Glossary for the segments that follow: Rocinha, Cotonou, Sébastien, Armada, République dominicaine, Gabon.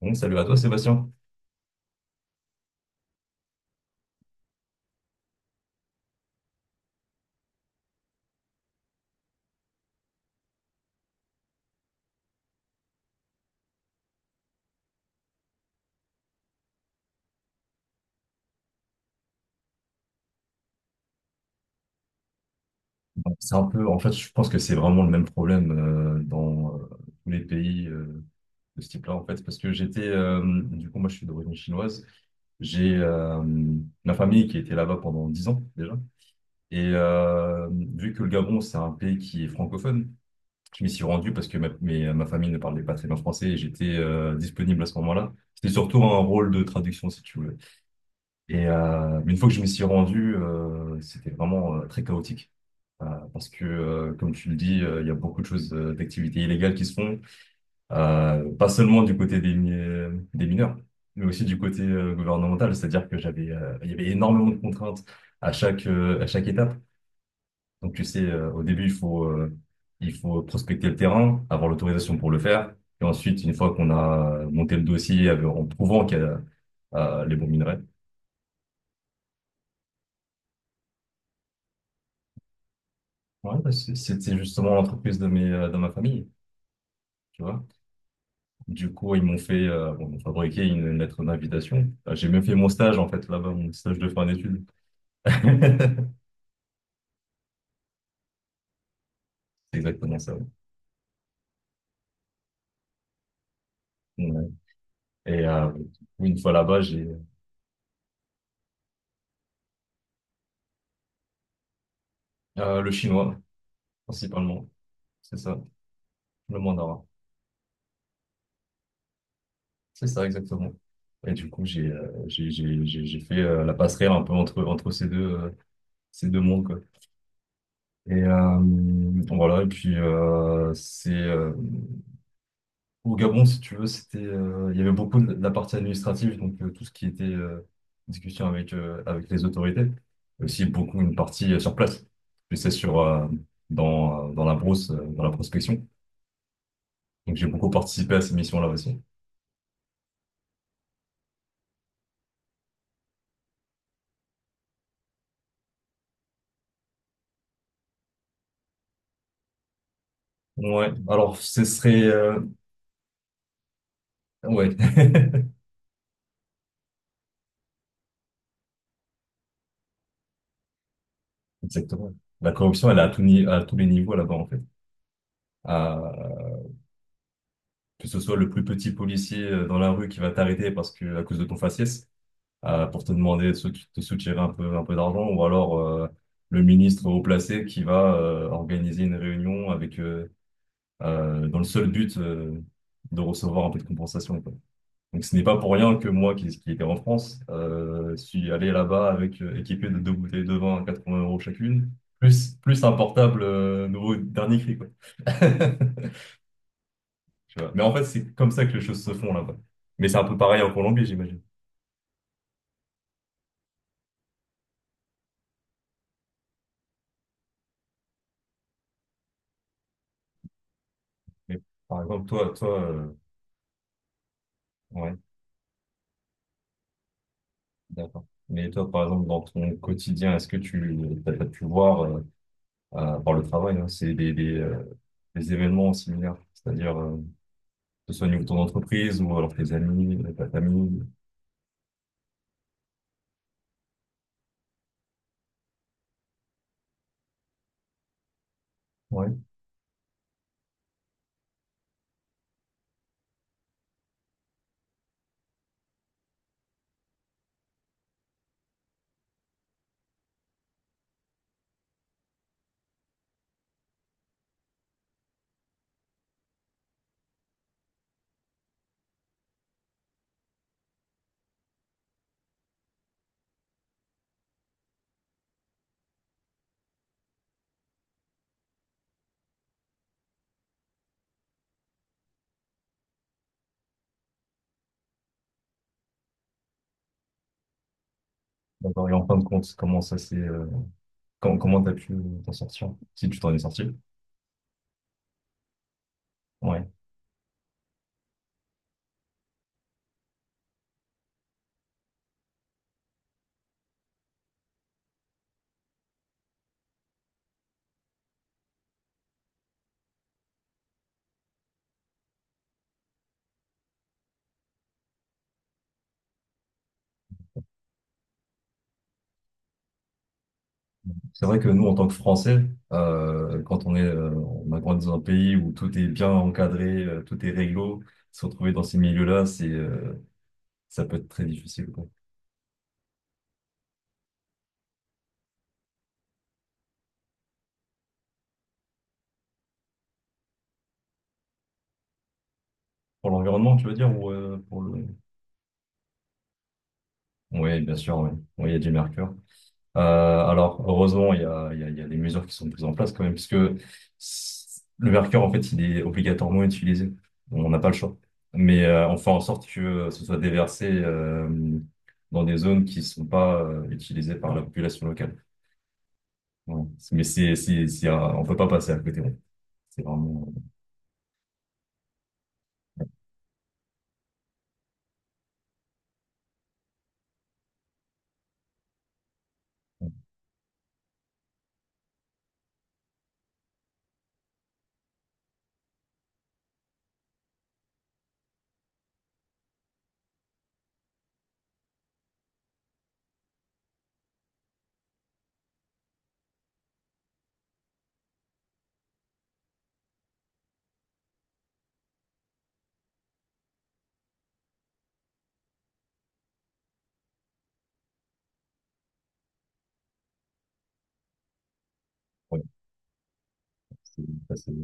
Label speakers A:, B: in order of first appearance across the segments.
A: Bon, salut à toi Sébastien. C'est un peu, en fait, je pense que c'est vraiment le même problème dans tous les pays de ce type-là, en fait, parce que du coup, moi je suis d'origine chinoise, j'ai ma famille qui était là-bas pendant 10 ans déjà, et vu que le Gabon, c'est un pays qui est francophone, je m'y suis rendu parce que ma famille ne parlait pas très bien français et j'étais disponible à ce moment-là. C'était surtout un rôle de traduction, si tu veux. Mais une fois que je m'y suis rendu, c'était vraiment très chaotique. Euh, Parce que, comme tu le dis, il y a beaucoup de choses, d'activités illégales qui se font, pas seulement du côté des mineurs, mais aussi du côté gouvernemental. C'est-à-dire que il y avait énormément de contraintes à chaque étape. Donc, tu sais, au début, il faut prospecter le terrain, avoir l'autorisation pour le faire. Et ensuite, une fois qu'on a monté le dossier en prouvant qu'il y a les bons minerais, ouais, bah, c'était justement l'entreprise de ma famille, tu vois. Du coup, ils m'ont fabriqué une lettre d'invitation. Ah, j'ai même fait mon stage, en fait, là-bas, mon stage de fin d'études. C'est exactement ça. Ouais. Ouais. Et du coup, une fois là-bas, j'ai le chinois, principalement. C'est ça, le mandarin. C'est ça, exactement. Et du coup, j'ai fait la passerelle un peu entre ces deux mondes, quoi. Et voilà, et puis au Gabon, si tu veux, il y avait beaucoup de la partie administrative, donc tout ce qui était discussion avec les autorités, et aussi beaucoup une partie sur place. Et dans la brousse, dans la prospection. Donc j'ai beaucoup participé à ces missions-là aussi. Ouais, alors ouais, exactement. La corruption, elle est à tout ni- à tous les niveaux là-bas, en fait. À- Que ce soit le plus petit policier dans la rue qui va t'arrêter parce que à cause de ton faciès, pour te demander de te soutirer un peu d'argent, ou alors le ministre haut placé qui va organiser une réunion avec dans le seul but de recevoir un peu de compensation, quoi. Donc ce n'est pas pour rien que moi, qui était en France, suis allé là-bas avec équipé de deux bouteilles de vin à 80 euros chacune, plus un portable nouveau dernier cri, quoi. Tu vois. Mais en fait, c'est comme ça que les choses se font là-bas. Mais c'est un peu pareil en Colombie, j'imagine. Mais par exemple, toi, ouais. D'accord. Mais toi, par exemple, dans ton quotidien, est-ce que tu as pu voir, par le travail, hein, c'est des événements similaires, c'est-à-dire que ce soit au niveau de ton entreprise ou alors tes amis, ta famille. Ouais, d'accord. Et en fin de compte, comment ça s'est, com- comment t'as pu t'en sortir, si tu t'en es sorti? Ouais. C'est vrai que nous, en tant que Français, quand on a grandi dans un pays où tout est bien encadré, tout est réglo, se retrouver dans ces milieux-là, ça peut être très difficile. Pour l'environnement, tu veux dire, ou pour le... Oui, bien sûr, oui. Oui, il y a du mercure. Alors, heureusement, il y a des mesures qui sont prises en place quand même, puisque le mercure, en fait, il est obligatoirement utilisé. On n'a pas le choix. Mais on fait en sorte que ce soit déversé dans des zones qui ne sont pas utilisées par la population locale. Ouais. Mais on peut pas passer à côté. Ouais. C'est vraiment... euh, ouais, c'est c'est-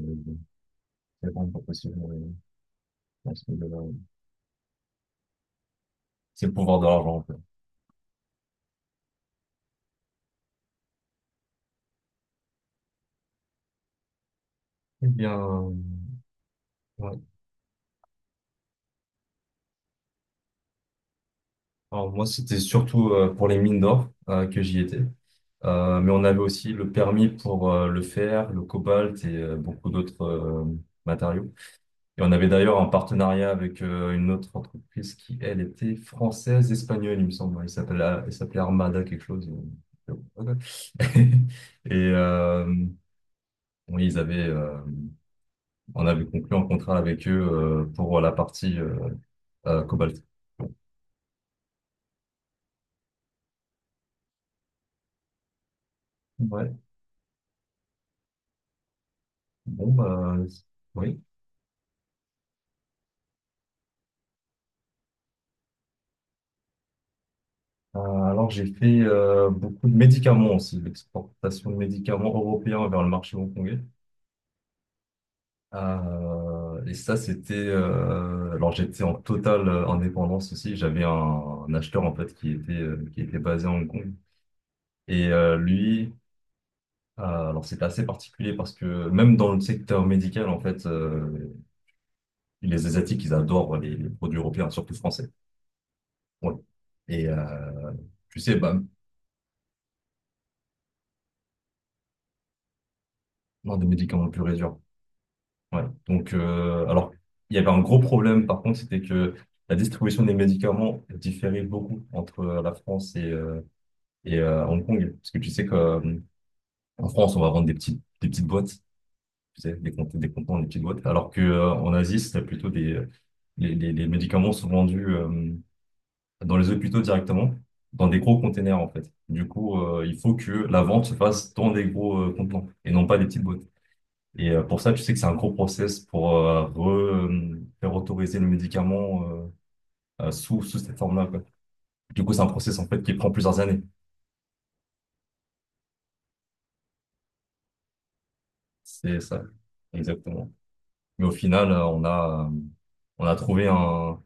A: c'est vraiment pas possible, ouais, dans ce milieu-là, ouais. C'est le pouvoir de l'argent. Eh bien, ouais. Alors moi, c'était surtout pour les mines d'or que j'y étais. Mais on avait aussi le permis pour le fer, le cobalt et beaucoup d'autres matériaux. Et on avait d'ailleurs un partenariat avec une autre entreprise qui, elle, était française, espagnole, il me semble. Elle s'appelait Armada quelque chose. Et oui, on avait conclu un contrat avec eux pour la partie cobalt. Ouais. Bon, bah, oui. Alors, j'ai fait beaucoup de médicaments aussi, l'exportation de médicaments européens vers le marché hongkongais. Et ça, alors, j'étais en totale indépendance aussi. J'avais un acheteur, en fait, qui était basé à Hong Kong. Et euh, alors, c'était assez particulier parce que même dans le secteur médical, en fait, les Asiatiques, ils adorent les produits européens, surtout français. Ouais. Et tu sais, bah, non, des médicaments purs et durs. Ouais. Donc, alors, il y avait un gros problème, par contre, c'était que la distribution des médicaments différait beaucoup entre la France et Hong Kong. Parce que tu sais qu'en France, on va vendre des petites boîtes, tu sais, des contenants, des petites boîtes. Alors que, en Asie, c'est plutôt les médicaments sont vendus dans les hôpitaux directement, dans des gros containers, en fait. Du coup, il faut que la vente se fasse dans des gros contenants et non pas des petites boîtes. Et pour ça, tu sais que c'est un gros process pour faire autoriser le médicament sous cette forme-là, quoi. Du coup, c'est un process en fait qui prend plusieurs années. C'est ça, exactement. Mais au final, on a trouvé un,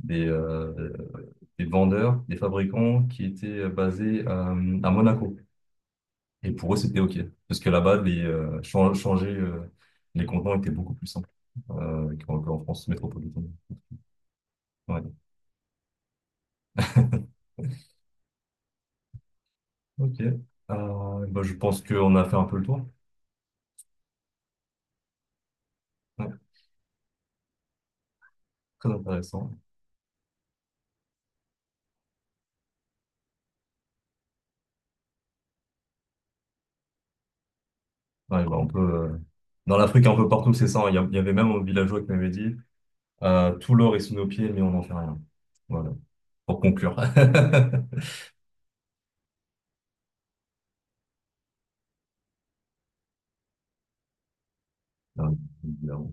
A: des, euh, des vendeurs, des fabricants qui étaient basés à Monaco. Et pour eux, c'était OK. Parce que là-bas, changer les contenants était beaucoup plus simple qu'en France métropolitaine. Ouais. Ok. Bah, je pense qu'on a fait un peu le tour. Ouais, très intéressant. Ouais, bah. Dans l'Afrique, un peu partout, c'est ça. Hein. Il y avait même un villageois qui m'avait dit tout l'or est sous nos pieds, mais on n'en fait rien. Voilà, pour conclure. Euh,